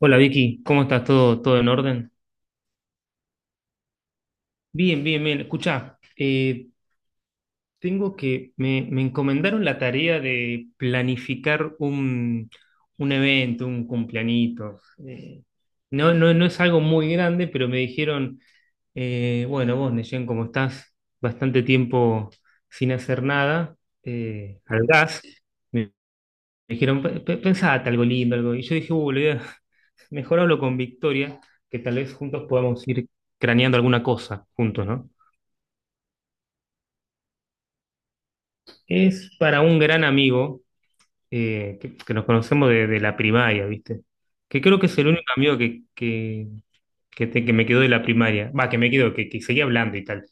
Hola Vicky, ¿cómo estás? ¿Todo en orden? Bien, bien, bien. Escuchá, tengo me encomendaron la tarea de planificar un evento, un cumpleañito. Eh, no es algo muy grande, pero me dijeron, bueno, vos, Neyen, como estás bastante tiempo sin hacer nada, al gas. Me dijeron, Pensate algo lindo, algo". Y yo dije, le voy mejor hablo con Victoria, que tal vez juntos podamos ir craneando alguna cosa juntos, ¿no? Es para un gran amigo, que nos conocemos de la primaria, ¿viste? Que creo que es el único amigo que me quedó de la primaria. Va, que me quedó, que seguía hablando y tal.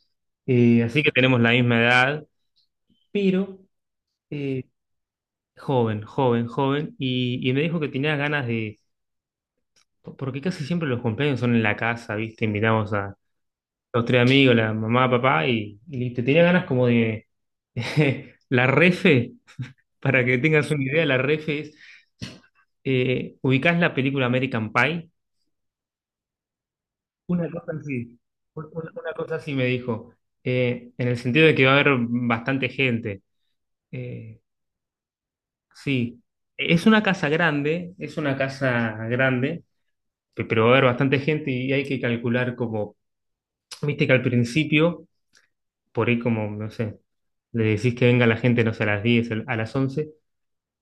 Así que tenemos la misma edad, pero eh, joven, joven, joven. Y me dijo que tenía ganas de… Porque casi siempre los cumpleaños son en la casa, ¿viste? Invitamos a los tres amigos, la mamá, papá, y listo. Tenía ganas como de… La refe, para que tengas una idea, la refe es… ¿ubicás la película American Pie? Una cosa así, una cosa así me dijo, en el sentido de que va a haber bastante gente. Eh, sí, es una casa grande, es una casa grande, pero va a haber bastante gente y hay que calcular como, viste que al principio por ahí como, no sé, le decís que venga la gente, no sé, a las 10 a las once,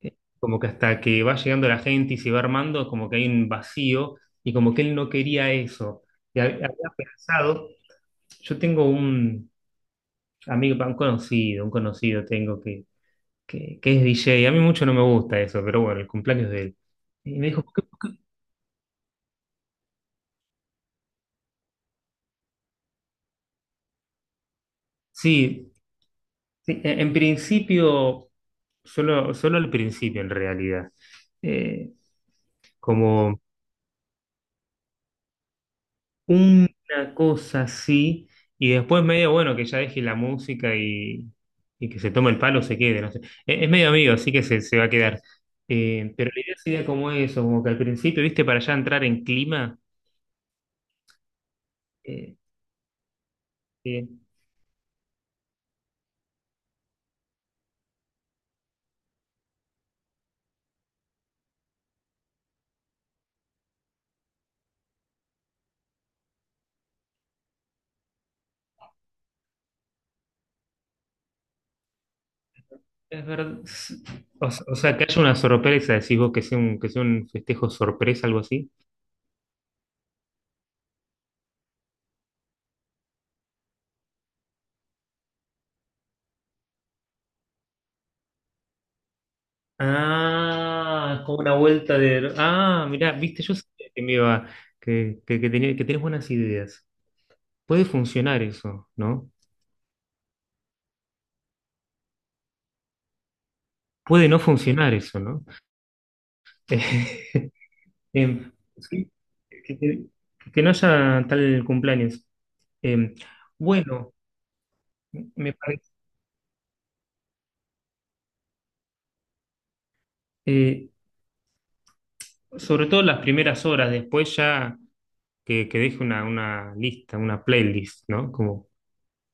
como que hasta que va llegando la gente y se va armando, como que hay un vacío y como que él no quería eso. Y había pensado, yo tengo un amigo, un conocido tengo que es DJ, a mí mucho no me gusta eso, pero bueno, el cumpleaños de él. Y me dijo, por qué? Sí, sí, en principio, solo, solo al principio en realidad. Eh, como… Una cosa así. Y después medio, bueno, que ya deje la música y que se tome el palo, se quede, no sé. Es medio amigo, así que se va a quedar. Pero la idea sería como eso, como que al principio, viste, para ya entrar en clima, eh, eh, es verdad. O, o sea, que haya una sorpresa, decís vos, que sea un festejo sorpresa, algo así. Ah, es como una vuelta de… Ah, mirá, viste, yo sabía que me iba, que tenía, que tenés buenas ideas. Puede funcionar eso, ¿no? Puede no funcionar eso, ¿no? Eh, Em, sí, que, que- que no haya tal cumpleaños. Em, bueno, me parece, eh, sobre todo las primeras horas, después ya que deje una lista, una playlist, ¿no? Como,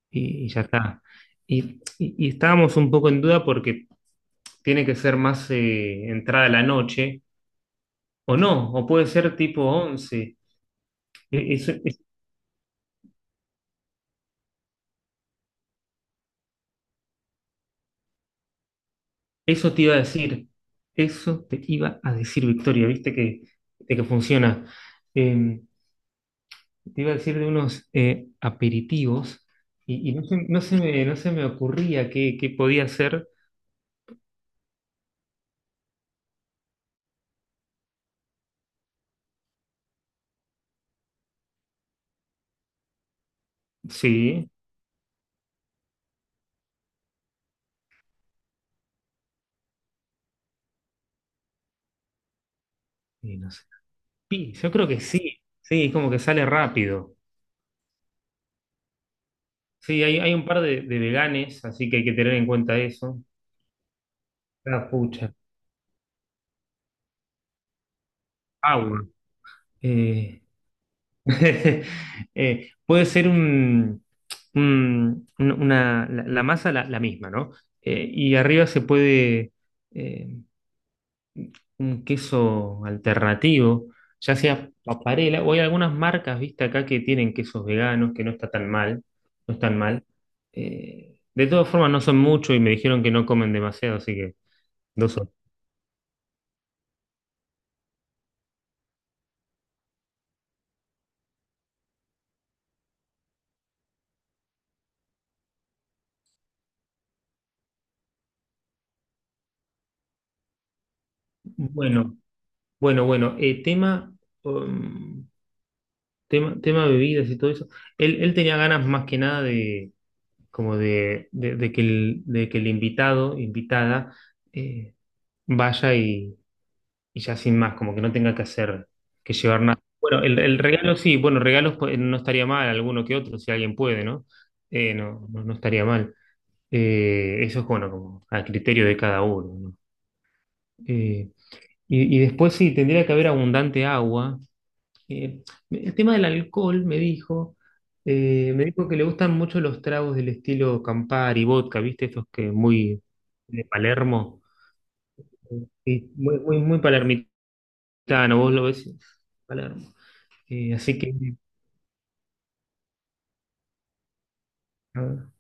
y ya está. Y estábamos un poco en duda porque tiene que ser más entrada la noche, o no, o puede ser tipo 11. Eso te iba a decir, eso te iba a decir, Victoria, viste que, de que funciona. Eh, te iba a decir de unos aperitivos y no se me ocurría qué, qué podía hacer. Sí, y no sé. Sí, yo creo que sí, sí, es como que sale rápido. Sí, hay un par de veganes, así que hay que tener en cuenta eso. La pucha, agua. Eh, puede ser una, la masa la misma, ¿no? Y arriba se puede eh, un queso alternativo, ya sea paparela, o hay algunas marcas, viste, acá que tienen quesos veganos, que no está tan mal, no están mal. De todas formas, no son muchos y me dijeron que no comen demasiado, así que dos son. Bueno, bueno, bueno, tema, um, tema, tema bebidas y todo eso. Él tenía ganas más que nada de como de que de que el invitado, invitada, eh, vaya y ya sin más, como que no tenga que hacer, que llevar nada. Bueno, el regalo sí, bueno, regalos pues, no estaría mal, alguno que otro, si alguien puede, ¿no? No estaría mal. Eso es bueno, como a criterio de cada uno, ¿no? Eh, y después sí, tendría que haber abundante agua, que el tema del alcohol me dijo que le gustan mucho los tragos del estilo Campari, vodka, ¿viste? Estos que muy de Palermo. Sí, muy, muy, muy palermitano, vos lo ves, Palermo. Así que ah,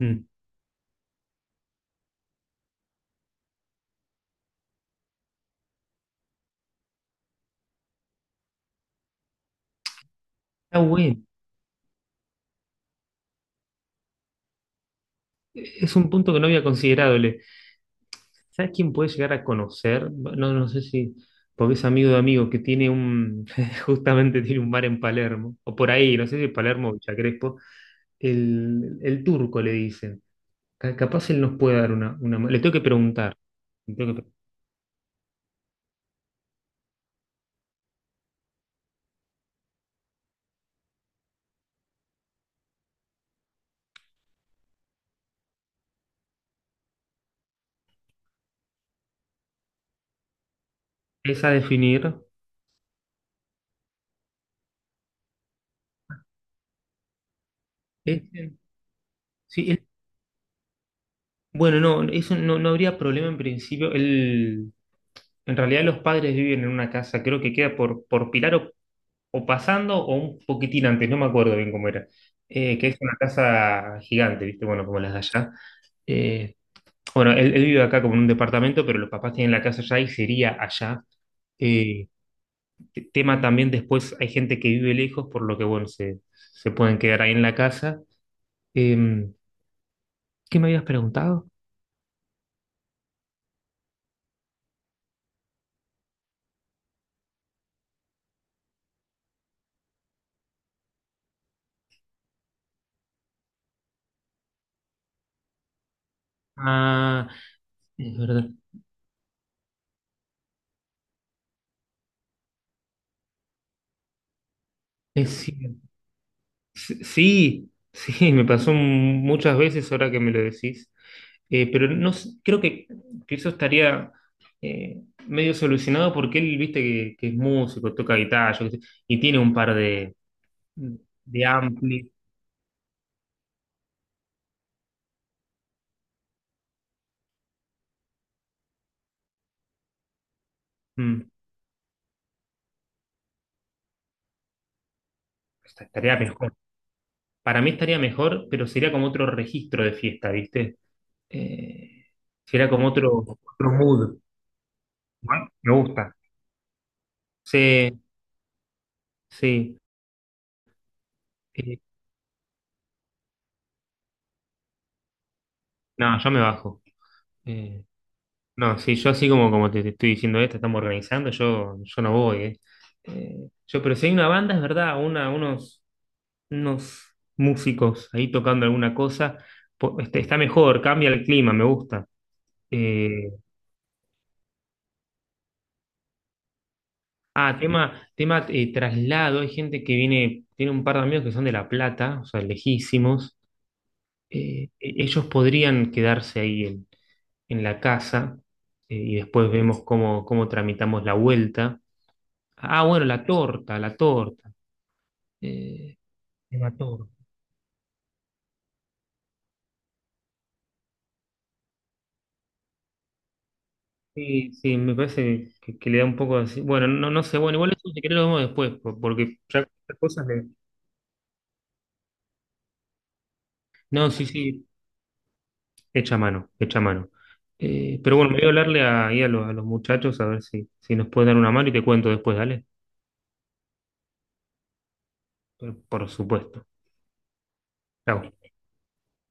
mm, está bueno. Es un punto que no había considerado. ¿Sabes quién puede llegar a conocer? No, no sé si, porque es amigo de amigo que tiene un, justamente tiene un bar en Palermo, o por ahí, no sé si Palermo o Villa Crespo. El turco le dicen. Capaz él nos puede dar una Le tengo que preguntar. Le tengo que Es a definir. Este, sí, bueno, no, eso no, no habría problema en principio. Él, en realidad los padres viven en una casa, creo que queda por Pilar o pasando o un poquitín antes, no me acuerdo bien cómo era. Que es una casa gigante, ¿viste? Bueno, como las de allá. Eh, bueno, él, él vive acá como en un departamento, pero los papás tienen la casa allá y sería allá. Eh, Tema también después hay gente que vive lejos, por lo que bueno, se pueden quedar ahí en la casa. Em, ¿Qué me habías preguntado? Ah, es verdad. Es cierto. Sí, sí, me pasó muchas veces ahora que me lo decís. Pero no s- creo que eso estaría eh, medio solucionado porque él, viste, que es músico, toca guitarra, yo qué sé, y tiene un par de amplis. Mm, estaría mejor. Para mí estaría mejor, pero sería como otro registro de fiesta, ¿viste? Eh, sería como otro, otro mood. Bueno, me gusta. Sí, sí. Eh, no, yo me bajo. Eh, no, sí, yo así como, como te estoy diciendo esto, estamos organizando, yo no voy, ¿eh? Yo, pero si hay una banda, es verdad, una, unos, unos músicos ahí tocando alguna cosa, este, está mejor, cambia el clima, me gusta. Eh, Ah, tema, tema traslado. Hay gente que viene, tiene un par de amigos que son de La Plata, o sea, lejísimos. Ellos podrían quedarse ahí en la casa, y después vemos cómo, cómo tramitamos la vuelta. Ah, bueno, la torta, la torta. Eh, tema torta. Sí, sí, me parece que le da un poco así. Bueno, no, no sé, bueno, igual eso si querés lo vemos después, porque ya cosas de… No, sí, sí, hecha a mano, hecha a mano. Pero bueno, me voy a hablarle ahí a los muchachos a ver si, si nos pueden dar una mano y te cuento después, dale. Pero por supuesto. Chau.